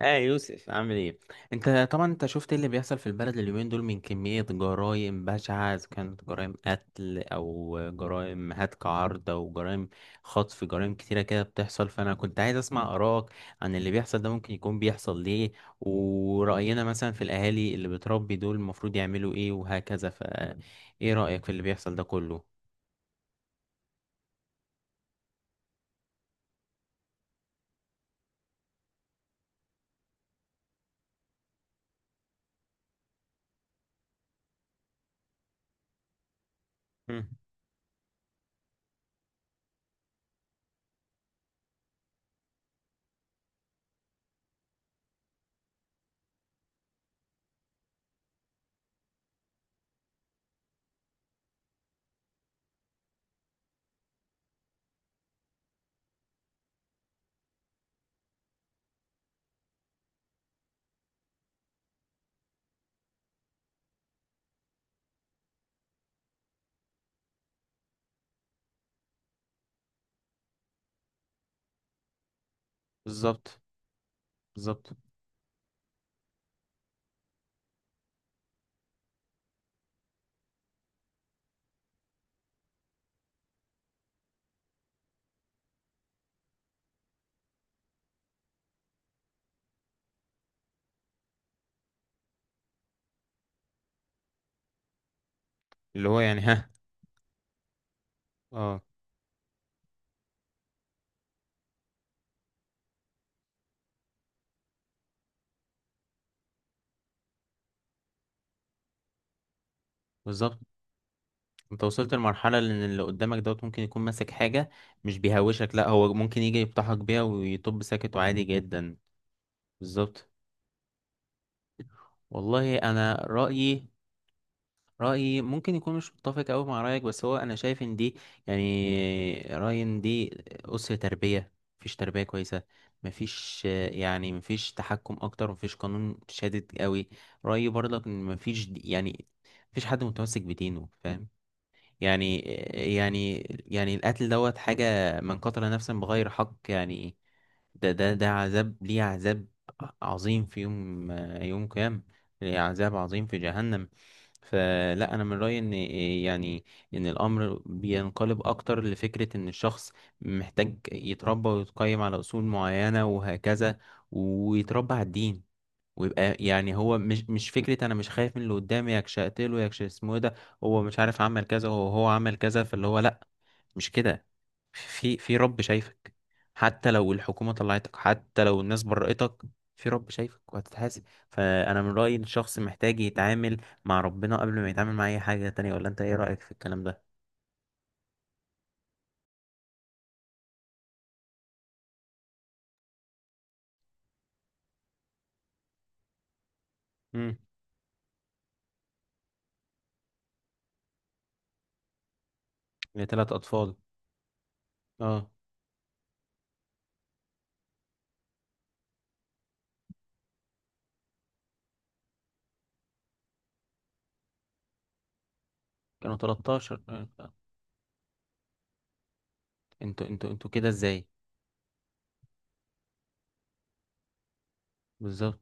اه، يوسف عامل ايه؟ انت طبعا شفت ايه اللي بيحصل في البلد اليومين دول من كمية جرائم بشعة، اذا كانت جرائم قتل او جرائم هتك عرض او جرائم خطف، جرائم كتيرة كده بتحصل. فانا كنت عايز اسمع آرائك عن اللي بيحصل ده، ممكن يكون بيحصل ليه؟ ورأينا مثلا في الاهالي اللي بتربي دول، المفروض يعملوا ايه وهكذا؟ فايه رأيك في اللي بيحصل ده كله؟ مم، بالظبط. بالظبط. اللي هو ها. اه، بالظبط. انت وصلت لمرحلة ان اللي قدامك دوت ممكن يكون ماسك حاجة، مش بيهوشك، لا، هو ممكن يجي يفتحك بيها ويطب ساكت وعادي جدا. بالظبط. والله انا رأيي، رأيي ممكن يكون مش متفق أوي مع رأيك، بس هو انا شايف ان دي، يعني رأيي ان دي أسر تربية، مفيش تربية كويسة، مفيش مفيش تحكم اكتر، مفيش قانون شادد قوي. رأيي برضك ان مفيش مفيش حد متمسك بدينه، فاهم؟ يعني يعني يعني القتل دوت حاجة، من قتل نفسا بغير حق ده ده عذاب، ليه عذاب عظيم في يوم، يوم قيامة، ليه عذاب عظيم في جهنم. فلا، انا من رأيي ان ان الامر بينقلب اكتر لفكرة ان الشخص محتاج يتربى ويتقيم على اصول معينة وهكذا، ويتربى على الدين، ويبقى هو مش فكرة انا مش خايف من اللي قدامي يكش اقتله، يكش اسمه إيه ده، هو مش عارف عمل كذا، هو عمل كذا، فاللي هو لا، مش كده. في في رب شايفك، حتى لو الحكومة طلعتك، حتى لو الناس برأتك، في رب شايفك وهتتحاسب. فانا من رأيي إن الشخص محتاج يتعامل مع ربنا قبل ما يتعامل مع اي حاجة تانية. ولا انت ايه رأيك في الكلام ده؟ امم لثلاث اطفال. اه، كانوا 13. انتوا انتوا كده ازاي؟ بالظبط.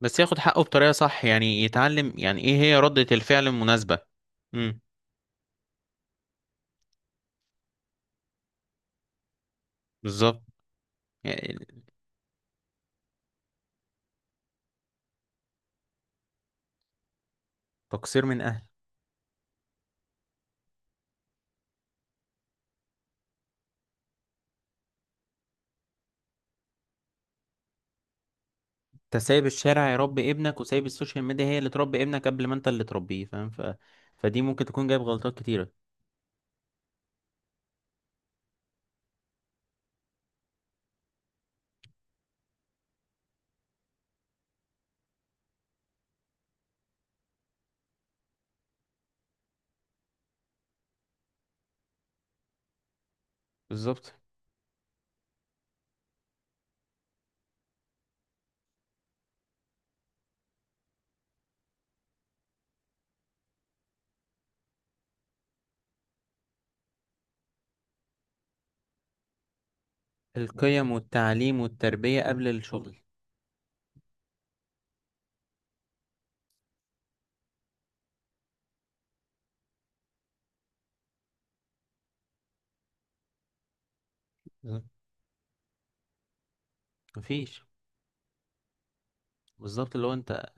بس ياخد حقه بطريقة صح، يعني يتعلم يعني ايه هي ردة الفعل المناسبة. امم بالظبط. يعني تقصير من اهل. انت سايب الشارع يربي ابنك، وسايب السوشيال ميديا هي اللي تربي ابنك قبل ما انت اللي تربيه، فاهم؟ فدي ممكن تكون جايب غلطات كتيرة. بالظبط. القيم والتعليم والتربية قبل الشغل. بالظبط. مفيش. بالظبط. اللي هو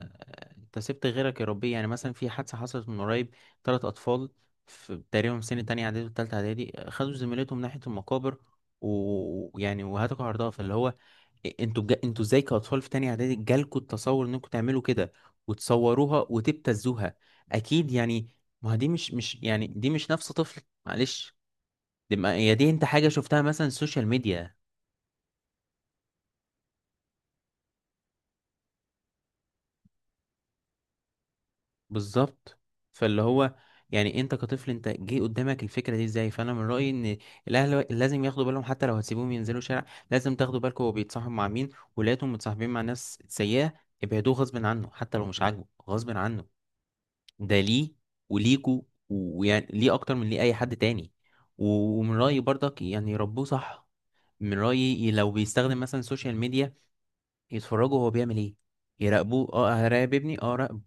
انت سبت غيرك يربيه. يعني مثلا في حادثة حصلت من قريب، تلات أطفال في تقريبا في سن تانية إعدادي وتالتة إعدادي، خدوا زميلتهم ناحية المقابر ويعني وهتكوا عرضها، فاللي هو انتوا ازاي كأطفال في تانية إعدادي جالكوا التصور انكم تعملوا كده وتصوروها وتبتزوها؟ أكيد يعني ما هي دي مش يعني دي مش نفس طفل، معلش. دي ما... هي دي انت حاجة شفتها مثلا السوشيال ميديا. بالظبط. فاللي هو يعني انت كطفل انت جه قدامك الفكره دي ازاي؟ فانا من رايي ان الاهل لازم ياخدوا بالهم، حتى لو هتسيبوهم ينزلوا الشارع لازم تاخدوا بالكم هو بيتصاحب مع مين. ولادهم متصاحبين مع ناس سيئه، ابعدوه غصب عنه، حتى لو مش عاجبه غصب عنه. ده ليه وليكوا ويعني ليه اكتر من ليه اي حد تاني. ومن رايي برضك يربوه صح. من رايي لو بيستخدم مثلا السوشيال ميديا يتفرجوا هو بيعمل ايه، يراقبوه. اه، هراقب ابني. اه،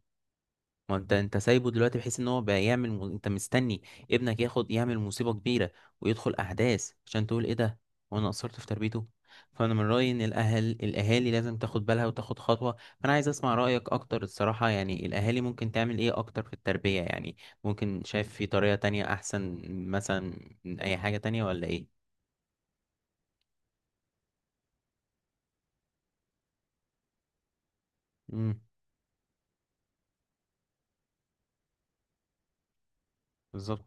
ما انت سايبه دلوقتي بحيث ان هو بقى يعمل انت مستني ابنك ياخد يعمل مصيبة كبيرة ويدخل احداث عشان تقول ايه ده، وانا قصرت في تربيته. فانا من رأيي ان الاهالي لازم تاخد بالها وتاخد خطوة. فانا عايز اسمع رأيك اكتر الصراحة، يعني الاهالي ممكن تعمل ايه اكتر في التربية؟ يعني ممكن شايف في طريقة تانية احسن مثلا من اي حاجة تانية، ولا ايه؟ امم بالظبط.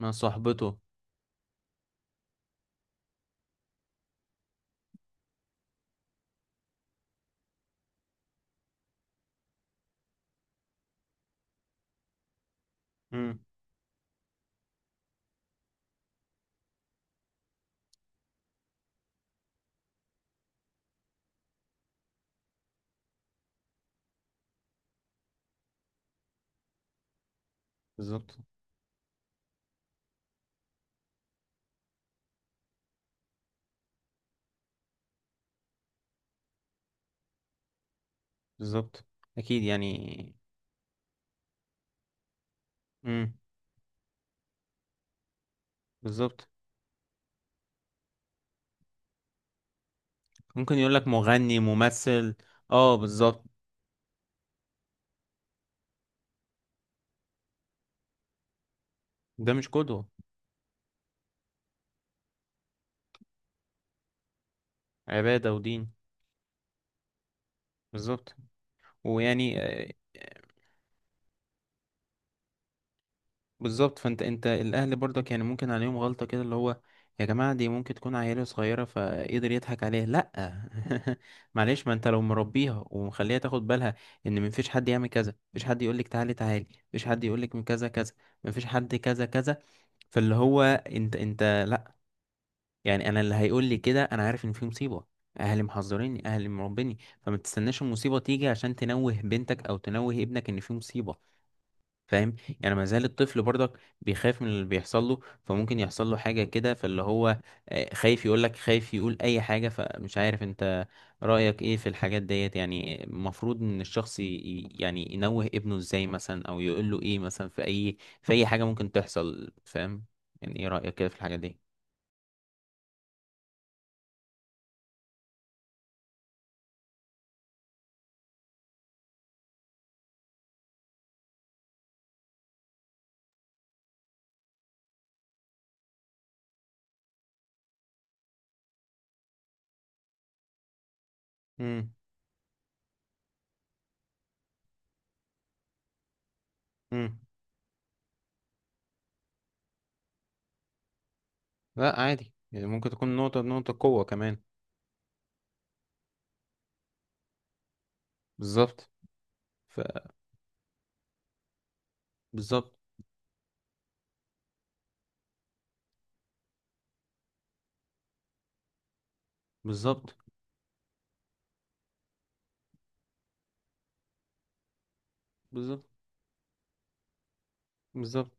مع صحبته. امم بالظبط. بالظبط. اكيد يعني. امم بالظبط. ممكن يقول لك مغني، ممثل. اه، بالظبط. ده مش قدوة. عبادة ودين. بالظبط. ويعني بالظبط. فانت الاهل برضك يعني ممكن عليهم غلطة كده، اللي هو يا جماعة دي ممكن تكون عيلة صغيرة فقدر يضحك عليها. لا، معلش، ما انت لو مربيها ومخليها تاخد بالها ان مفيش حد يعمل كذا، مفيش حد يقولك تعالي تعالي، مفيش حد يقولك من كذا كذا، مفيش حد كذا كذا. فاللي هو انت يعني انا اللي هيقول لي كده انا عارف ان في مصيبه، اهلي محذريني، اهلي مربيني. فما تستناش المصيبه تيجي عشان تنوه بنتك او تنوه ابنك ان في مصيبه، فاهم؟ يعني ما زال الطفل برضك بيخاف من اللي بيحصل له، فممكن يحصل له حاجه كده، فاللي هو خايف يقول لك، خايف يقول اي حاجه. فمش عارف انت رايك ايه في الحاجات ديت، يعني المفروض ان الشخص يعني ينوه ابنه ازاي مثلا، او يقول له ايه مثلا في اي في اي حاجه ممكن تحصل، فاهم؟ يعني ايه رايك كده في الحاجه دي؟ امم لا، عادي، يعني ممكن تكون نقطة قوة كمان. بالظبط. ف. بالظبط. بالظبط. بالظبط. بالظبط.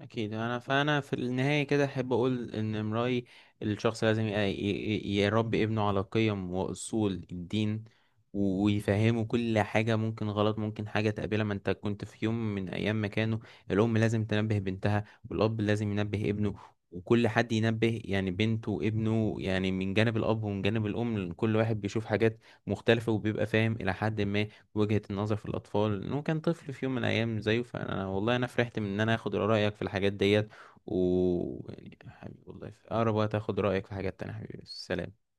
اكيد انا، فانا في النهايه كده احب اقول ان امرأي الشخص لازم يربي ابنه على قيم واصول الدين، ويفهمه كل حاجه ممكن غلط، ممكن حاجه تقابلها، ما انت كنت في يوم من ايام مكانه. الام لازم تنبه بنتها، والاب لازم ينبه ابنه، وكل حد ينبه يعني بنته وابنه، يعني من جانب الاب ومن جانب الام كل واحد بيشوف حاجات مختلفه وبيبقى فاهم الى حد ما وجهة النظر في الأطفال، إنه كان طفل في يوم من الأيام زيه. فأنا والله أنا فرحت من إن أنا آخد رأيك في الحاجات ديت، و يعني حبيبي والله في أقرب وقت آخد رأيك في حاجات تانية. حبيبي، سلام.